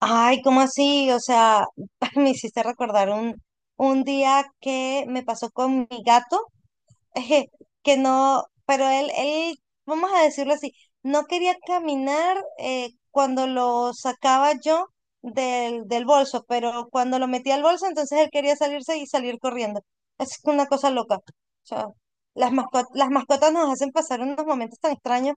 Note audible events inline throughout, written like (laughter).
Ay, ¿cómo así? O sea, (laughs) me hiciste recordar un día que me pasó con mi gato, (laughs) que no, pero él, vamos a decirlo así, no quería caminar cuando lo sacaba yo del bolso, pero cuando lo metía al bolso, entonces él quería salirse y salir corriendo. Es una cosa loca. O sea, las mascotas nos hacen pasar unos momentos tan extraños.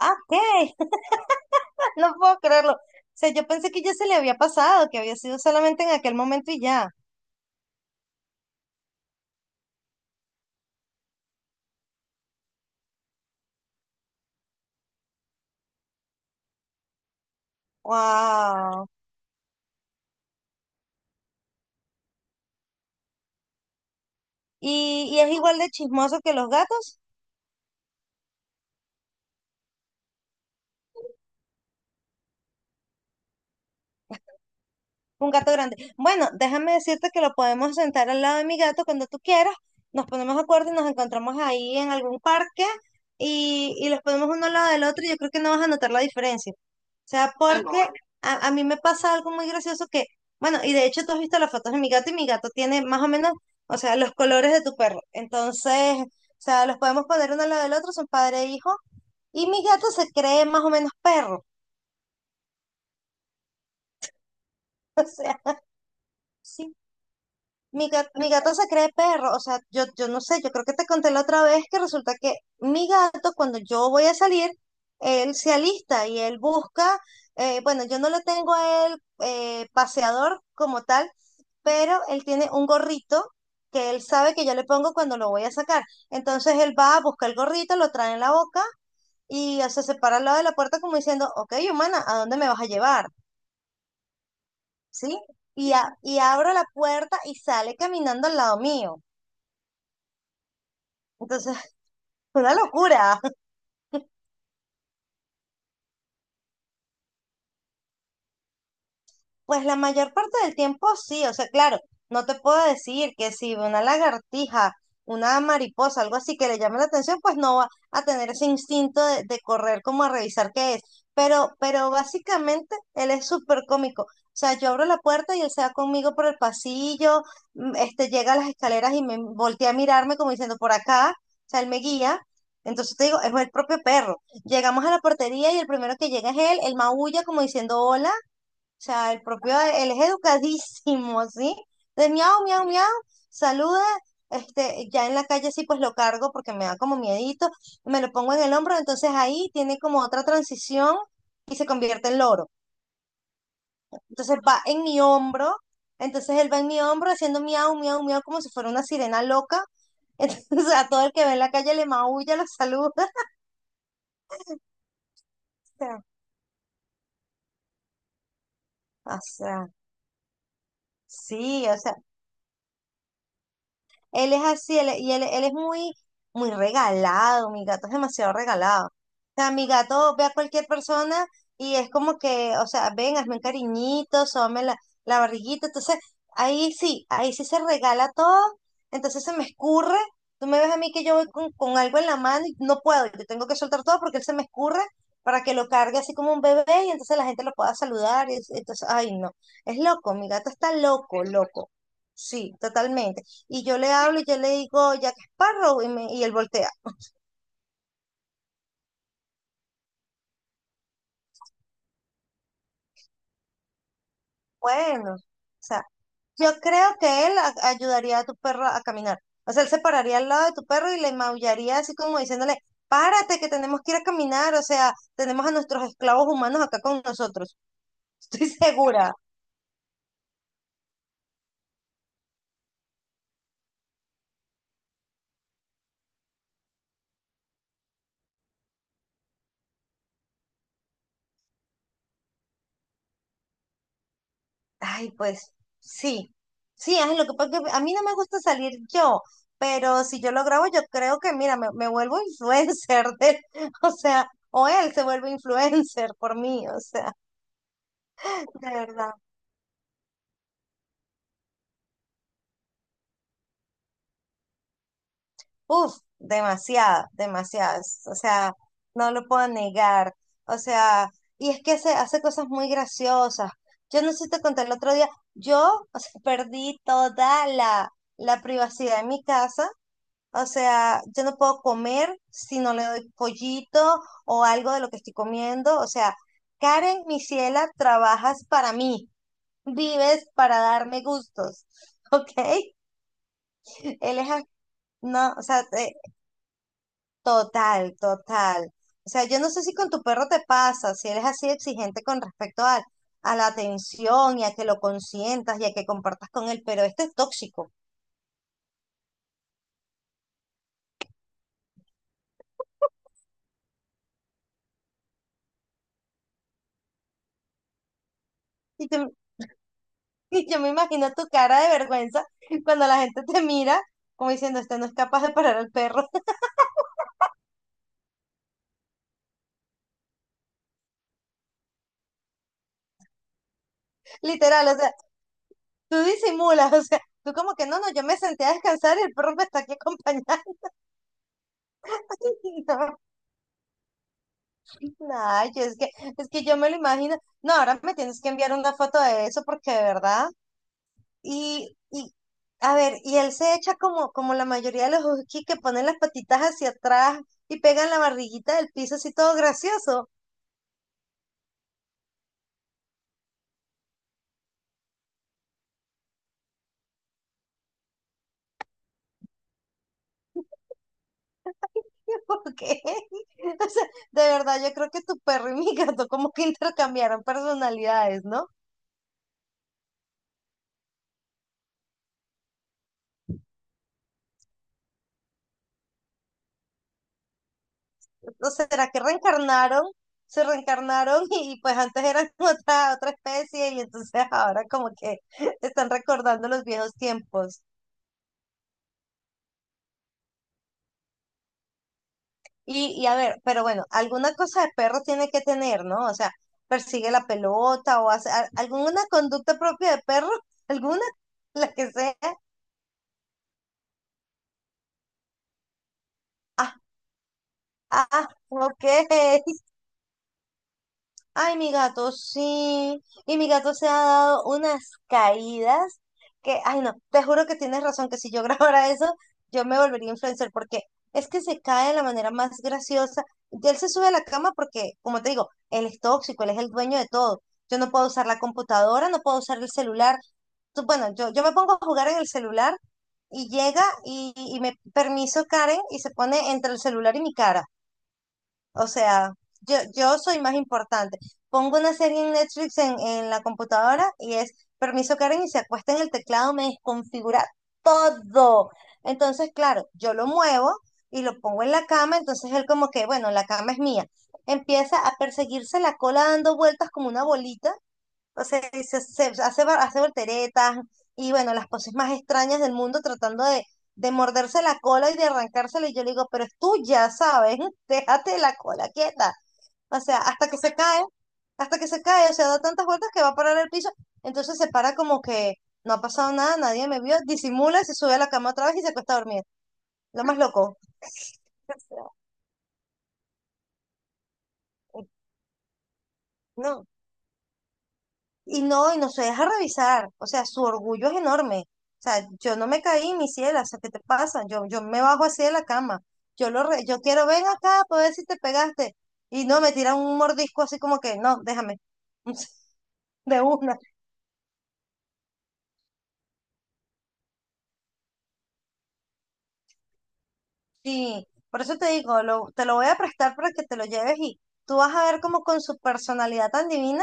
Ah, ok. No puedo creerlo. O sea, yo pensé que ya se le había pasado, que había sido solamente en aquel momento y ya. Wow. Y es igual de chismoso que los gatos? Un gato grande. Bueno, déjame decirte que lo podemos sentar al lado de mi gato cuando tú quieras. Nos ponemos de acuerdo y nos encontramos ahí en algún parque y los ponemos uno al lado del otro y yo creo que no vas a notar la diferencia. Sea, porque a mí me pasa algo muy gracioso que, bueno, y de hecho tú has visto las fotos de mi gato y mi gato tiene más o menos, o sea, los colores de tu perro. Entonces, o sea, los podemos poner uno al lado del otro, son padre e hijo, y mi gato se cree más o menos perro. (laughs) Sí. Mi gato se cree perro, o sea, yo no sé, yo creo que te conté la otra vez que resulta que mi gato cuando yo voy a salir, él se alista y él busca, bueno, yo no lo tengo a él paseador como tal, pero él tiene un gorrito que él sabe que yo le pongo cuando lo voy a sacar. Entonces él va a buscar el gorrito, lo trae en la boca y o sea, se para al lado de la puerta como diciendo, ok, humana, ¿a dónde me vas a llevar? ¿Sí? Y abro la puerta y sale caminando al lado mío. Entonces, (laughs) una locura. Pues la mayor parte del tiempo sí, o sea, claro, no te puedo decir que si una lagartija, una mariposa, algo así que le llame la atención, pues no va a tener ese instinto de correr como a revisar qué es. Pero básicamente él es súper cómico. O sea, yo abro la puerta y él se va conmigo por el pasillo, llega a las escaleras y me voltea a mirarme como diciendo por acá, o sea, él me guía. Entonces te digo, es el propio perro. Llegamos a la portería y el primero que llega es él, él maulla como diciendo hola sea, el propio, él es educadísimo, ¿sí? De miau, miau, miau, saluda, ya en la calle sí pues lo cargo porque me da como miedito, me lo pongo en el hombro, entonces ahí tiene como otra transición y se convierte en loro. Entonces va en mi hombro, entonces él va en mi hombro haciendo miau, miau, miau como si fuera una sirena loca. Entonces (laughs) a todo el que ve en la calle le maulla, lo saluda. (laughs) O sea, o sea, sí, o sea, Él es así, él es muy regalado, mi gato es demasiado regalado. O sea, mi gato ve a cualquier persona y es como que, o sea, ven, hazme un cariñito, sóbame la barriguita. Entonces, ahí sí se regala todo, entonces se me escurre. Tú me ves a mí que yo voy con algo en la mano y no puedo, yo tengo que soltar todo porque él se me escurre para que lo cargue así como un bebé y entonces la gente lo pueda saludar. Y es- entonces, ay, no, es loco, mi gato está loco. Sí, totalmente. Y yo le hablo y yo le digo Jack Sparrow y él voltea. Bueno, o sea, yo creo que él ayudaría a tu perro a caminar. O sea, él se pararía al lado de tu perro y le maullaría así como diciéndole, párate que tenemos que ir a caminar. O sea, tenemos a nuestros esclavos humanos acá con nosotros. (laughs) Estoy segura. Ay, pues sí. Sí, es lo que pasa es que a mí no me gusta salir yo, pero si yo lo grabo, yo creo que, mira, me vuelvo influencer de, (laughs) o sea, o él se vuelve influencer por mí, o sea. De verdad. Uf, demasiada, demasiadas. O sea, no lo puedo negar. O sea, y es que hace cosas muy graciosas. Yo no sé si te conté el otro día, yo, o sea, (laughs) perdí toda la privacidad en mi casa. O sea, yo no puedo comer si no le doy pollito o algo de lo que estoy comiendo. O sea, Karen, mi ciela, trabajas para mí, vives para darme gustos, (laughs) ¿ok? Él es, a- no, o sea, total, total. O sea, yo no sé si con tu perro te pasa, si eres así exigente con respecto a la atención y a que lo consientas y a que compartas con él, pero este es tóxico. Y, te- (laughs) y yo me imagino tu cara de vergüenza cuando la gente te mira como diciendo, este no es capaz de parar al perro. (laughs) Literal, o sea, tú disimulas, o sea, tú como que no, no, yo me senté a descansar y el perro me está aquí acompañando. (laughs) No, no, yo es que yo me lo imagino. No, ahora me tienes que enviar una foto de eso porque de verdad. Y, y, a ver, y él se echa como, como la mayoría de los huskies que ponen las patitas hacia atrás y pegan la barriguita del piso así todo gracioso. (laughs) ¿Por qué? (laughs) O sea, de verdad, yo creo que tu perro y mi gato como que (laughs) intercambiaron personalidades, ¿no? ¿O será que reencarnaron? Se reencarnaron y pues antes eran (laughs) otra especie y entonces ahora como que (laughs) están recordando los viejos tiempos. Y a ver, pero bueno, alguna cosa de perro tiene que tener, ¿no? O sea, persigue la pelota o hace alguna conducta propia de perro, (laughs) alguna, la que sea. Ah, ah, ok. Ay, mi gato, sí. Y mi gato se ha dado unas caídas que, ay, no, te juro que tienes razón, que si yo (laughs) grabara eso, yo me volvería influencer, porque es que se cae de la manera más graciosa. Y él se sube a la cama porque, como te digo, él es tóxico, él es el dueño de todo. Yo no puedo usar la computadora, no puedo usar el celular. Tú- Bueno, yo me pongo a jugar en el celular y llega y me permiso Karen y se pone entre el celular y mi cara. O sea, yo soy más importante. Pongo una serie en Netflix en la computadora y es permiso Karen y se acuesta en el teclado, me desconfigura todo. Entonces, claro, yo lo muevo y lo pongo en la cama, entonces él como que, bueno, la cama es mía. Empieza a perseguirse la cola dando vueltas como una bolita o sea, y hace volteretas y bueno, las poses más extrañas del mundo tratando de morderse la cola y de arrancársela. Y yo le digo, pero es tuya, ¿sabes? (laughs) Déjate la cola quieta. O sea, hasta que se cae, o sea, da tantas vueltas que va a parar el piso. Entonces se para como que no ha pasado nada, nadie me vio, disimula, se sube a la cama otra vez y se acuesta a dormir. Lo más loco. (laughs) O sea, eh, no. Y no se deja revisar. O sea, su orgullo es enorme. O sea, yo no me caí, mi ciela. O sea, ¿qué te pasa? Yo me bajo así de la cama. Yo quiero, ven acá para ver si te pegaste. Y no, me tiran un mordisco así como que, no, déjame. (laughs) De una. Sí, por eso te digo, te lo voy a prestar para que te lo lleves y tú vas a ver como con su personalidad tan divina,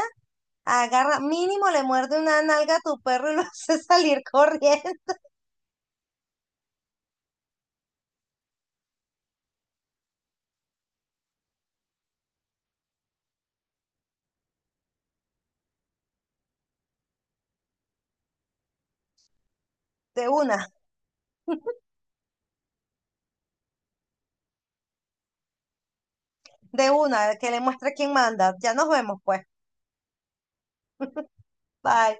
agarra, mínimo le muerde una nalga a tu perro y lo (laughs) hace salir corriendo. De una, de una, que le muestre quién manda. Ya nos vemos, pues. Bye.